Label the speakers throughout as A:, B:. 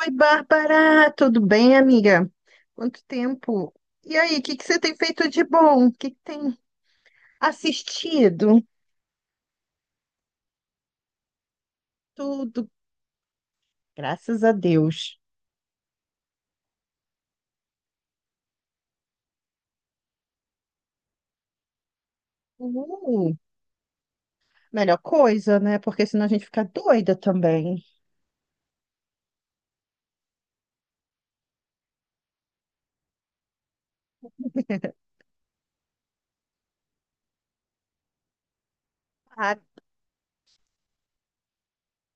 A: Oi, Bárbara, tudo bem, amiga? Quanto tempo? E aí, o que que você tem feito de bom? O que que tem assistido? Tudo, graças a Deus. Uh, Melhor coisa, né? Porque senão a gente fica doida também. Ah,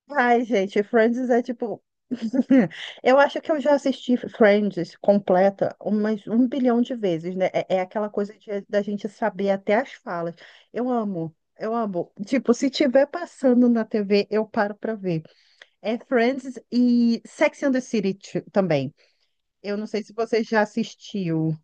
A: ai, gente, Friends é tipo. Eu acho que eu já assisti Friends completa umas um bilhão de vezes, né? É aquela coisa da gente saber até as falas. Eu amo, eu amo. Tipo, se tiver passando na TV, eu paro pra ver. É Friends e Sex and the City também. Eu não sei se você já assistiu.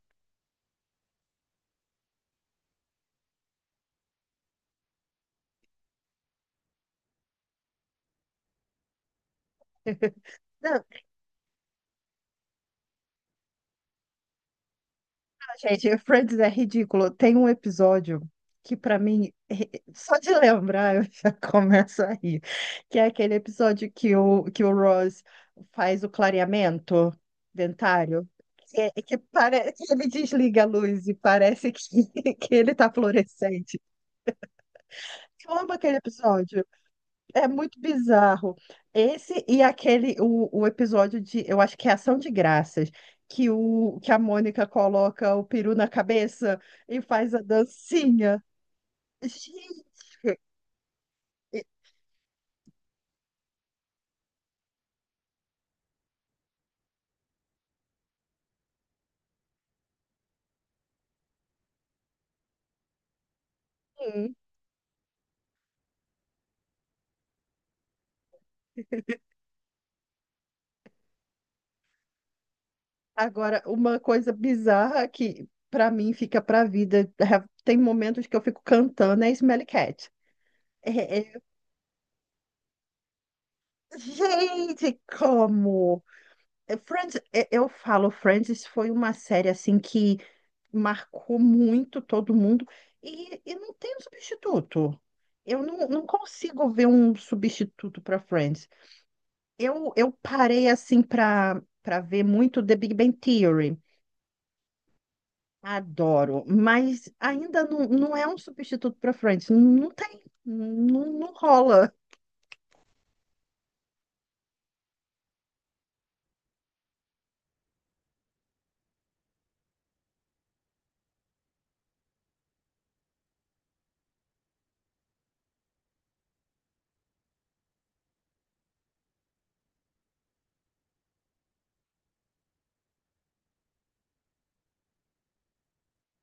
A: Gente, Friends é ridículo. Tem um episódio que, pra mim, só de lembrar eu já começo a rir. Que é aquele episódio que o Ross faz o clareamento dentário. Que, é- que, pare... que ele desliga a luz e parece que, que ele tá fluorescente. Eu amo aquele episódio. É muito bizarro. Esse e aquele, o episódio de, eu acho que é Ação de Graças, que a Mônica coloca o peru na cabeça e faz a dancinha. Gente, e- hum. Agora, uma coisa bizarra que pra mim fica pra vida, é, tem momentos que eu fico cantando, é Smelly Cat. É- é- Gente, como? É, Friends, é, eu falo, Friends foi uma série assim que marcou muito todo mundo e não tem um substituto. Eu não, não consigo ver um substituto para Friends. Eu parei assim para ver muito The Big Bang Theory. Adoro, mas ainda não, não é um substituto para Friends. Não tem, não, não rola.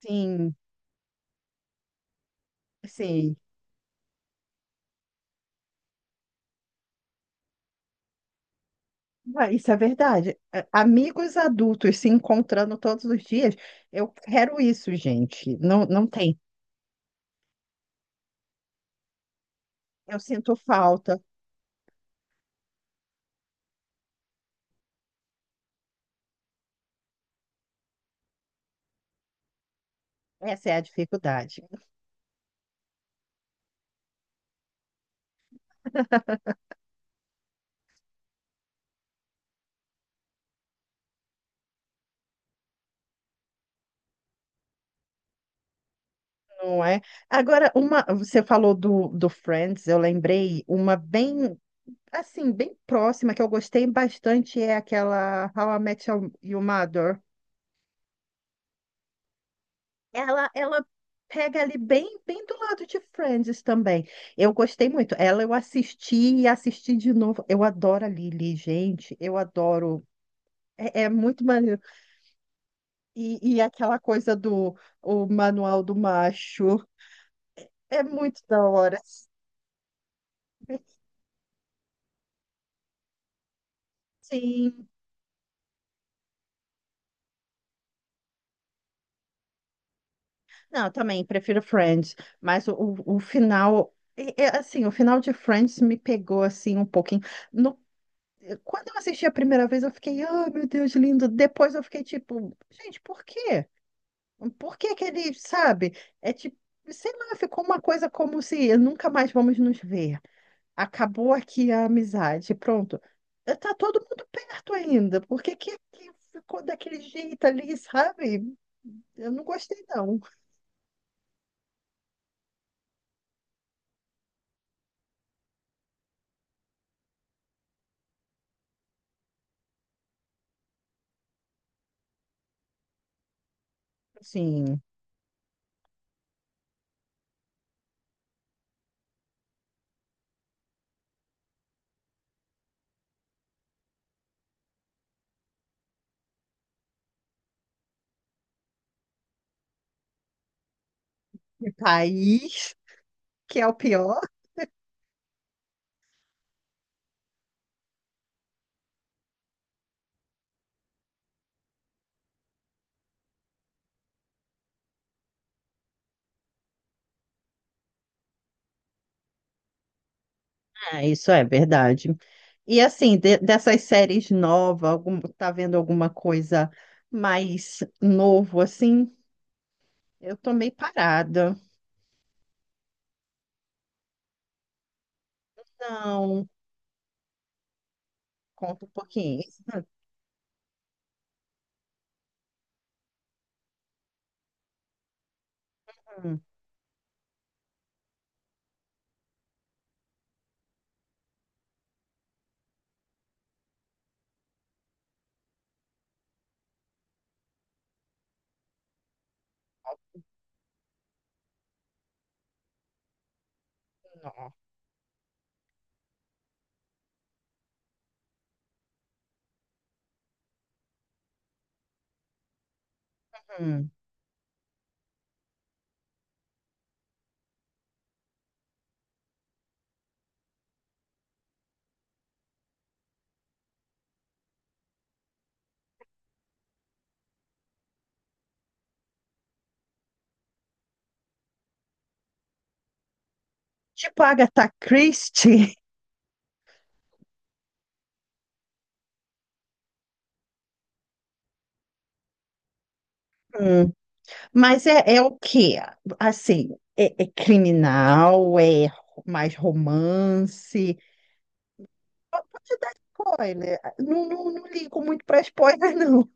A: Sim, sim. Ah, isso é verdade. Amigos adultos se encontrando todos os dias, eu quero isso, gente. Não, não tem. Eu sinto falta. Essa é a dificuldade, não é? Agora, você falou do Friends, eu lembrei uma bem, assim, bem próxima que eu gostei bastante é aquela How I Met Your Mother. Ela pega ali bem, bem do lado de Friends também. Eu gostei muito. Ela eu assisti e assisti de novo. Eu adoro a Lily, gente. Eu adoro. É muito maneiro. E aquela coisa do o manual do macho. É muito da hora. Sim. Não, eu também prefiro Friends, mas o final, é assim, o final de Friends me pegou assim um pouquinho. No- Quando eu assisti a primeira vez, eu fiquei, ah, meu Deus, lindo. Depois eu fiquei tipo, gente, por quê? Por que que ele, sabe? É tipo, sei lá, ficou uma coisa como se nunca mais vamos nos ver. Acabou aqui a amizade, pronto. Tá todo mundo perto ainda. Por que que ficou daquele jeito ali, sabe? Eu não gostei, não. Sim. De país, que é o pior. É, isso é verdade. E assim, dessas séries novas, algum, tá vendo alguma coisa mais novo assim? Eu tô meio parada. Não, conta um pouquinho. Hum, não, hum. Tipo Agatha Christie. Hum. Mas é o quê? Assim, é criminal, é mais romance. Pode dar spoiler. Não, não, não ligo muito para spoiler, não.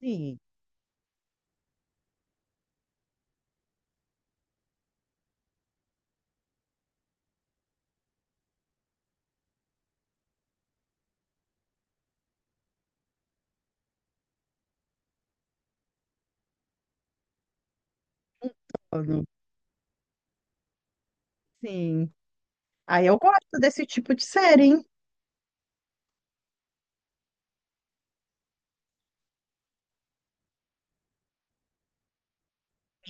A: Sim. Sim. Aí eu gosto desse tipo de série, hein?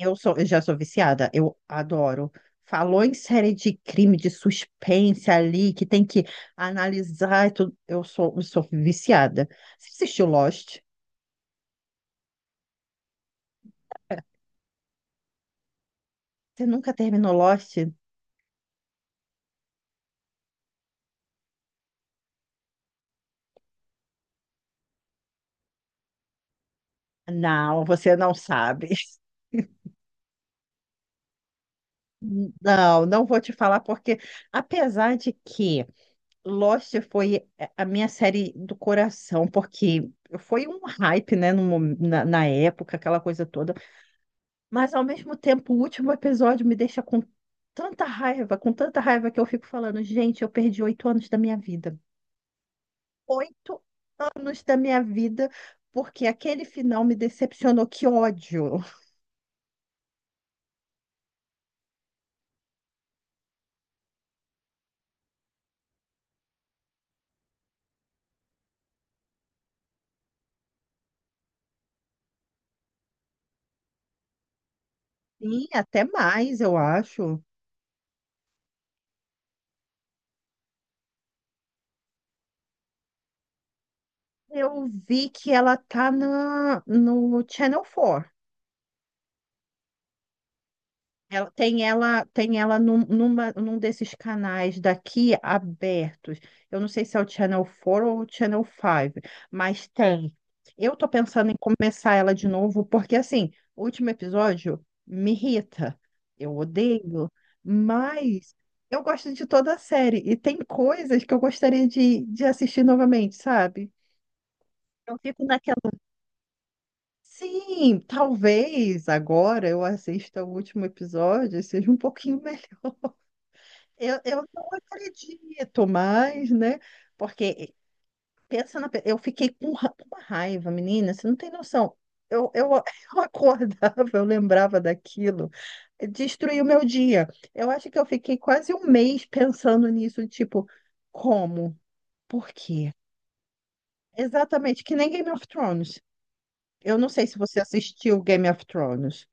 A: Eu já sou viciada, eu adoro. Falou em série de crime, de suspense ali, que tem que analisar e tudo. Eu sou viciada. Você assistiu Lost? Você nunca terminou Lost? Não, você não sabe. Não, não vou te falar, porque apesar de que Lost foi a minha série do coração, porque foi um hype, né, no, mo- na época, aquela coisa toda. Mas ao mesmo tempo, o último episódio me deixa com tanta raiva que eu fico falando, gente, eu perdi 8 anos da minha vida. 8 anos da minha vida, porque aquele final me decepcionou. Que ódio. Sim, até mais, eu acho. Eu vi que ela tá no Channel 4. Tem ela num desses canais daqui abertos. Eu não sei se é o Channel 4 ou o Channel 5, mas tem. Eu tô pensando em começar ela de novo, porque assim, o último episódio me irrita. Eu odeio, mas eu gosto de toda a série. E tem coisas que eu gostaria de assistir novamente, sabe? Eu fico naquela. Sim, talvez agora eu assista o último episódio e seja um pouquinho. Eu não acredito mais, né? Porque eu fiquei com uma raiva, menina, você não tem noção. Eu, eu acordava, eu lembrava daquilo, destruiu meu dia. Eu acho que eu fiquei quase um mês pensando nisso, tipo, como? Por quê? Exatamente, que nem Game of Thrones. Eu não sei se você assistiu Game of Thrones.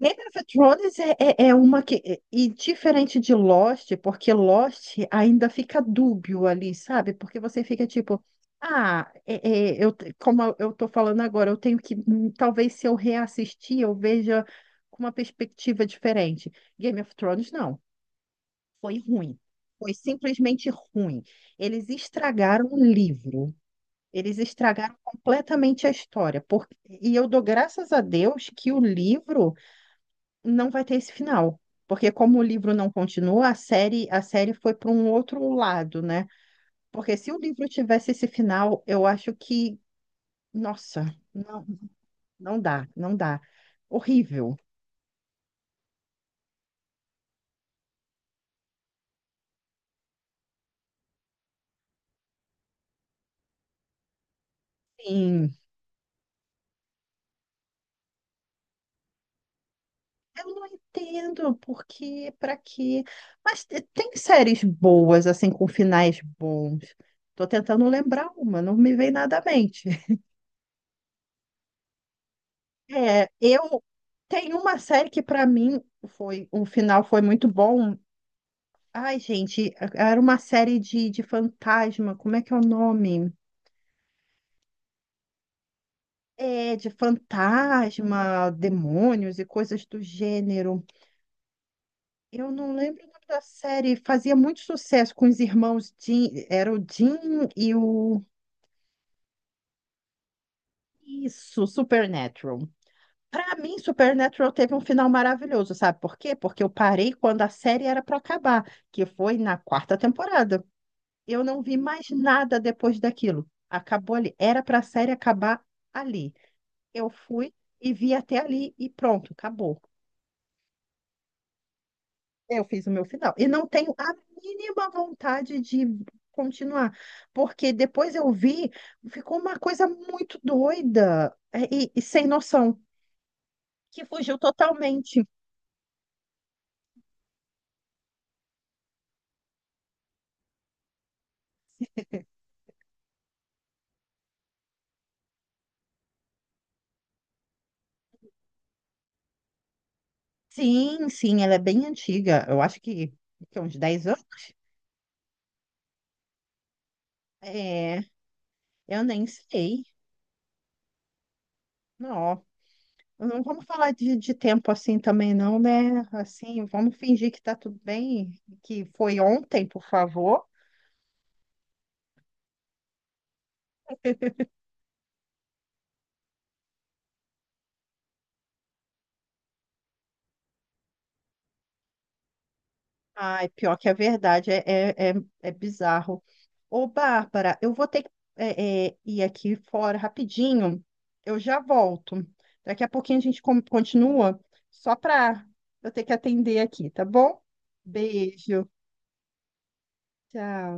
A: Game of Thrones é uma que. E diferente de Lost, porque Lost ainda fica dúbio ali, sabe? Porque você fica tipo, ah, como eu tô falando agora, eu tenho que. Talvez se eu reassistir, eu veja com uma perspectiva diferente. Game of Thrones, não. Foi ruim. Foi simplesmente ruim. Eles estragaram o livro. Eles estragaram completamente a história. E eu dou graças a Deus que o livro não vai ter esse final. Porque como o livro não continua, a série foi para um outro lado, né? Porque se o livro tivesse esse final, eu acho que, nossa, não, não dá, não dá. Horrível. Sim, eu não entendo porque, para quê? Mas tem séries boas, assim, com finais bons. Tô tentando lembrar uma, não me vem nada à mente. É, eu tenho uma série que para mim o final foi muito bom. Ai, gente, era uma série de fantasma, como é que é o nome? É, de fantasma, demônios e coisas do gênero. Eu não lembro o nome da série, fazia muito sucesso com os irmãos Jim, era o Jim e o... Isso, Supernatural. Para mim, Supernatural teve um final maravilhoso, sabe por quê? Porque eu parei quando a série era para acabar, que foi na quarta temporada. Eu não vi mais nada depois daquilo. Acabou ali. Era para a série acabar ali. Eu fui e vi até ali e pronto, acabou. Eu fiz o meu final. E não tenho a mínima vontade de continuar, porque depois eu vi, ficou uma coisa muito doida e sem noção, que fugiu totalmente. Sim, sim, ela é bem antiga. Eu acho que é uns 10 anos. É, eu nem sei. Não, não vamos falar de tempo assim também, não, né? Assim, vamos fingir que tá tudo bem, que foi ontem, por favor. Ai, pior que é verdade, é bizarro. Ô, Bárbara, eu vou ter que ir aqui fora rapidinho, eu já volto. Daqui a pouquinho a gente continua, só para eu ter que atender aqui, tá bom? Beijo, tchau.